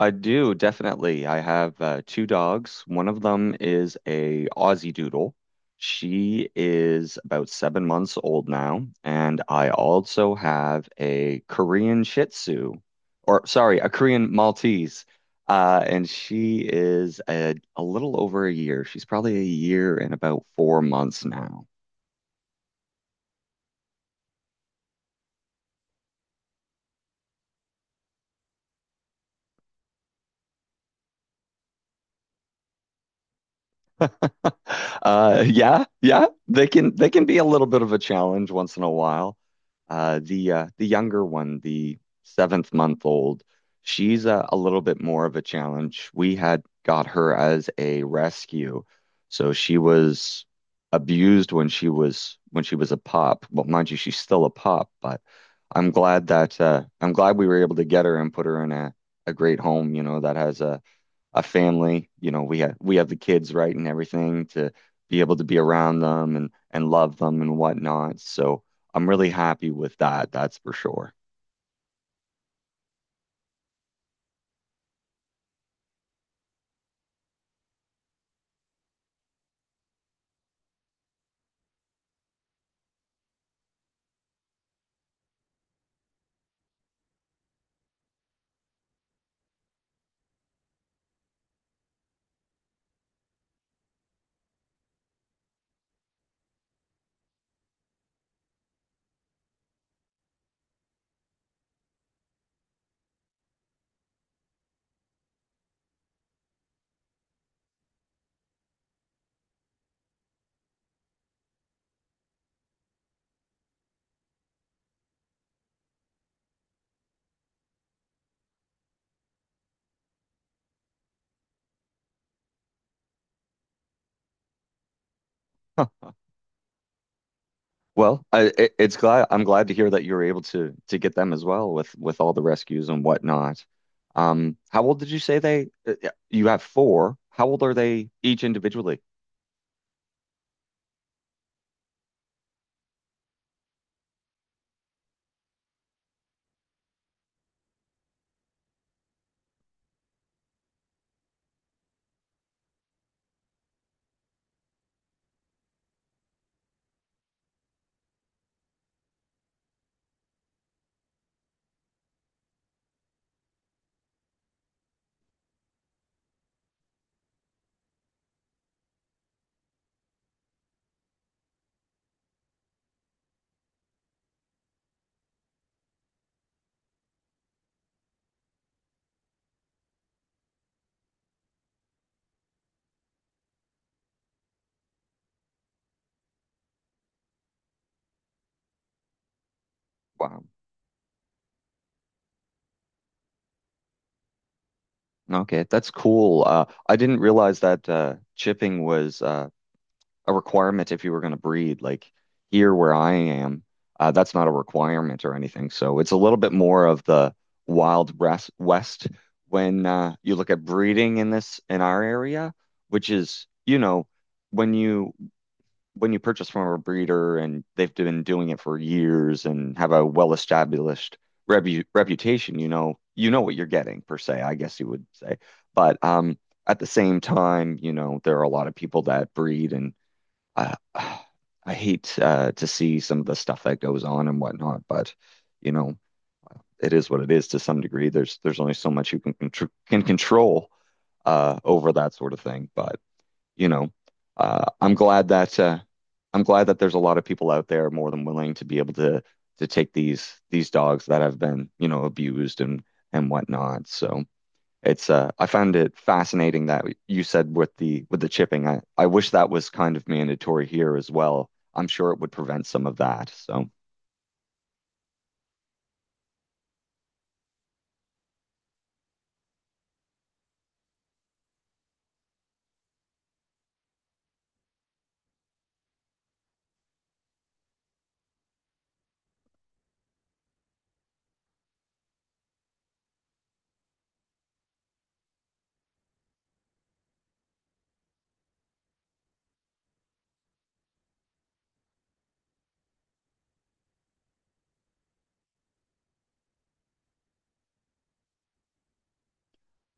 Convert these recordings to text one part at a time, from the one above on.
I do definitely. I have two dogs. One of them is a Aussie Doodle. She is about 7 months old now, and I also have a Korean Shih Tzu, or sorry, a Korean Maltese, and she is a little over a year. She's probably a year and about 4 months now. Yeah, yeah, they can be a little bit of a challenge once in a while. The younger one, the seventh month old, she's a little bit more of a challenge. We had got her as a rescue, so she was abused when she was a pup. Well, mind you, she's still a pup, but I'm glad we were able to get her and put her in a great home that has a family. You know, we have the kids, right, and everything to be able to be around them and love them and whatnot. So I'm really happy with that. That's for sure. Huh. Well, I'm glad to hear that you were able to get them as well with all the rescues and whatnot. How old did you say they? You have four. How old are they each individually? Wow. Okay, that's cool. I didn't realize that chipping was a requirement if you were going to breed. Like here where I am, that's not a requirement or anything. So it's a little bit more of the wild west when you look at breeding in our area, which is, you know, when you when you purchase from a breeder and they've been doing it for years and have a well-established rebu reputation, you know what you're getting per se, I guess you would say. But at the same time, you know, there are a lot of people that breed and I I hate to see some of the stuff that goes on and whatnot, but you know, it is what it is to some degree. There's only so much you can control over that sort of thing. But you know, uh, I'm glad that uh, I'm glad that there's a lot of people out there more than willing to be able to take these dogs that have been abused and whatnot. So. It's I found it fascinating that you said with the chipping. I wish that was kind of mandatory here as well. I'm sure it would prevent some of that. So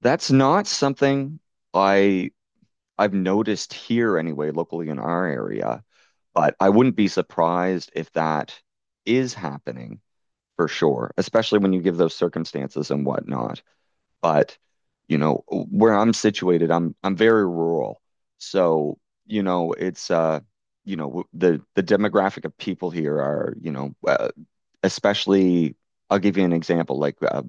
that's not something I I've noticed here anyway, locally in our area, but I wouldn't be surprised if that is happening for sure, especially when you give those circumstances and whatnot. But, you know, where I'm situated, I'm very rural. So, you know, it's you know, w- the demographic of people here are, especially I'll give you an example, like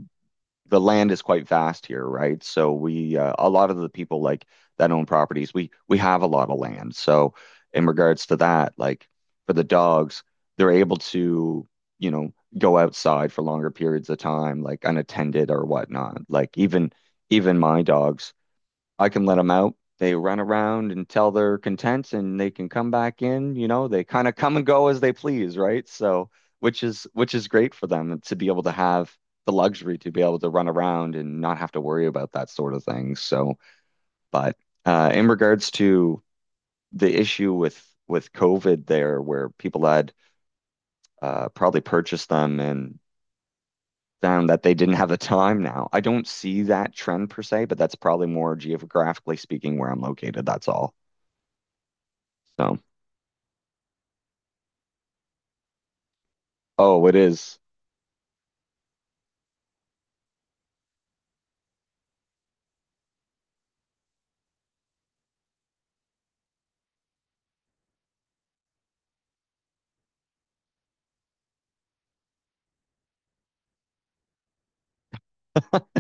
the land is quite vast here, right? So we a lot of the people like that own properties, we have a lot of land. So in regards to that, like for the dogs, they're able to go outside for longer periods of time, like unattended or whatnot. Like even my dogs I can let them out. They run around until they're content and they can come back in. You know, they kind of come and go as they please, right? So, which is great for them to be able to have the luxury to be able to run around and not have to worry about that sort of thing. So, but in regards to the issue with COVID there, where people had probably purchased them and found that they didn't have the time now. I don't see that trend per se, but that's probably more geographically speaking where I'm located. That's all. So, oh, it is.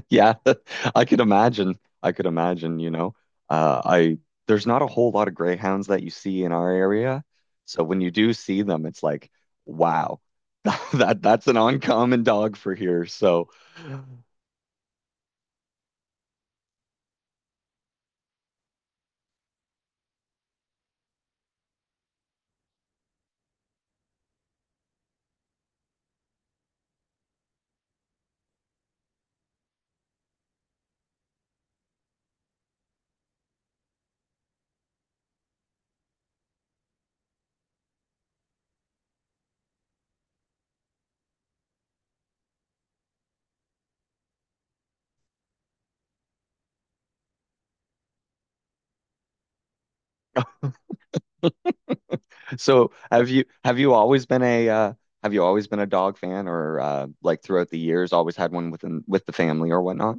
Yeah, I could imagine. I could imagine, you know. I There's not a whole lot of greyhounds that you see in our area. So when you do see them, it's like, wow, that's an uncommon dog for here. So have you always been a dog fan or like throughout the years always had one with the family or whatnot?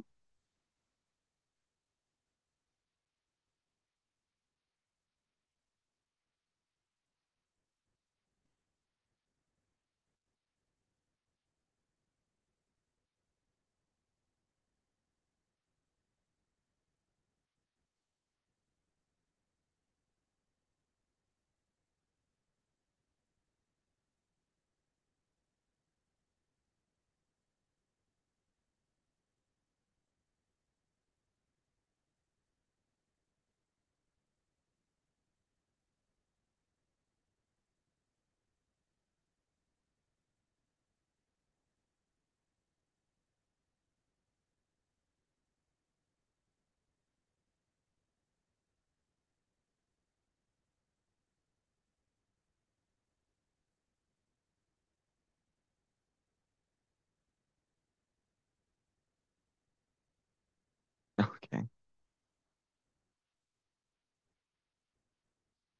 Okay.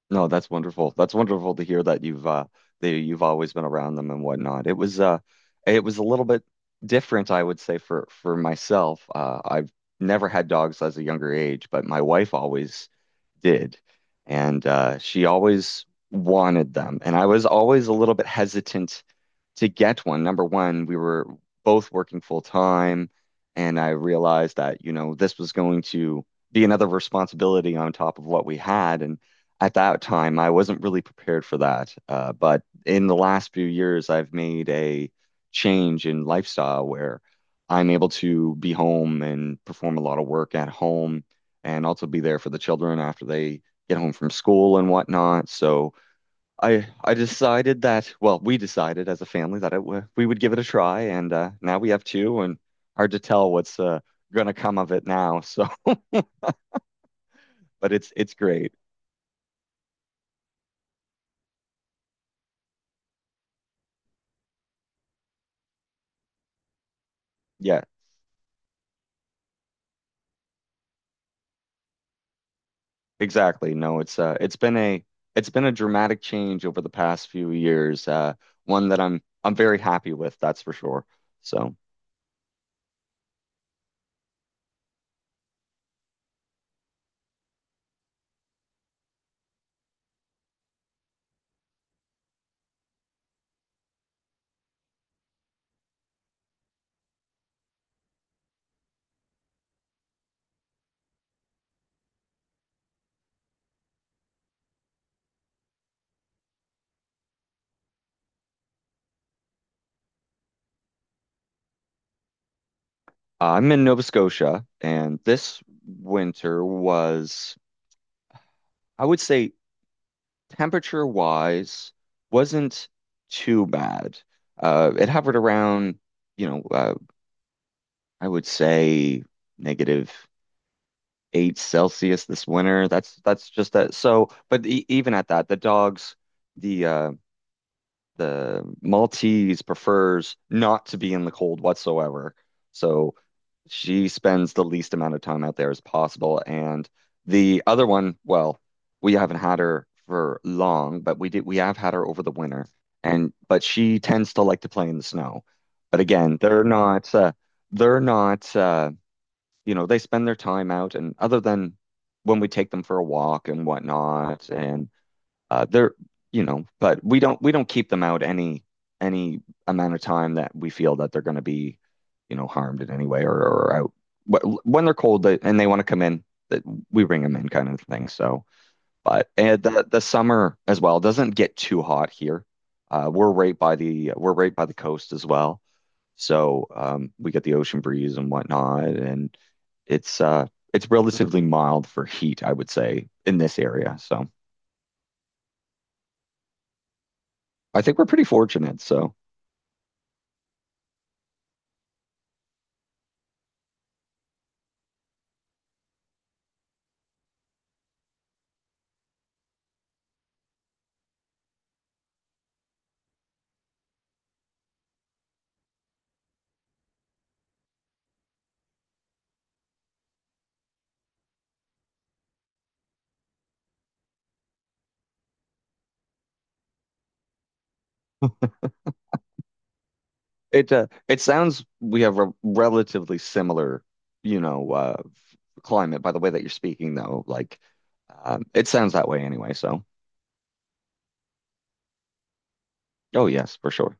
No, that's wonderful. That's wonderful to hear that you've always been around them and whatnot. It was a little bit different, I would say, for myself. I've never had dogs as a younger age, but my wife always did. And she always wanted them. And I was always a little bit hesitant to get one. Number one, we were both working full time, and I realized that, you know, this was going to be another responsibility on top of what we had. And at that time, I wasn't really prepared for that. But in the last few years, I've made a change in lifestyle where I'm able to be home and perform a lot of work at home and also be there for the children after they get home from school and whatnot. So, I decided that, well, we decided as a family that it w we would give it a try, and now we have two, and hard to tell what's gonna come of it now. So, but it's great. Yeah, exactly. No, it's been a dramatic change over the past few years. One that I'm very happy with, that's for sure. So, I'm in Nova Scotia, and this winter was, I would say, temperature-wise, wasn't too bad. It hovered around, you know, uh, I would say -8 Celsius this winter. That's just that. So, but e even at that, the dogs, the uh, the Maltese prefers not to be in the cold whatsoever. So she spends the least amount of time out there as possible. And the other one, well, we haven't had her for long, but we have had her over the winter. And but she tends to like to play in the snow. But again, they're not you know, they spend their time out and other than when we take them for a walk and whatnot and they're, but we don't keep them out any amount of time that we feel that they're going to be harmed in any way or out. When they're cold they- and they want to come in, that we bring them in, kind of thing. So, but and the summer as well doesn't get too hot here. We're right by the we're right by the coast as well, so we get the ocean breeze and whatnot, and it's uh it's relatively mild for heat, I would say, in this area. So I think we're pretty fortunate. So. It sounds we have a relatively similar, you know, uh, climate by the way that you're speaking though. Like, it sounds that way anyway. So, oh yes, for sure.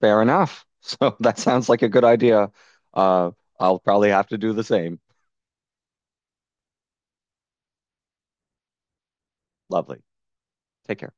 Fair enough. So that sounds like a good idea. Uh, I'll probably have to do the same. Lovely. Take care.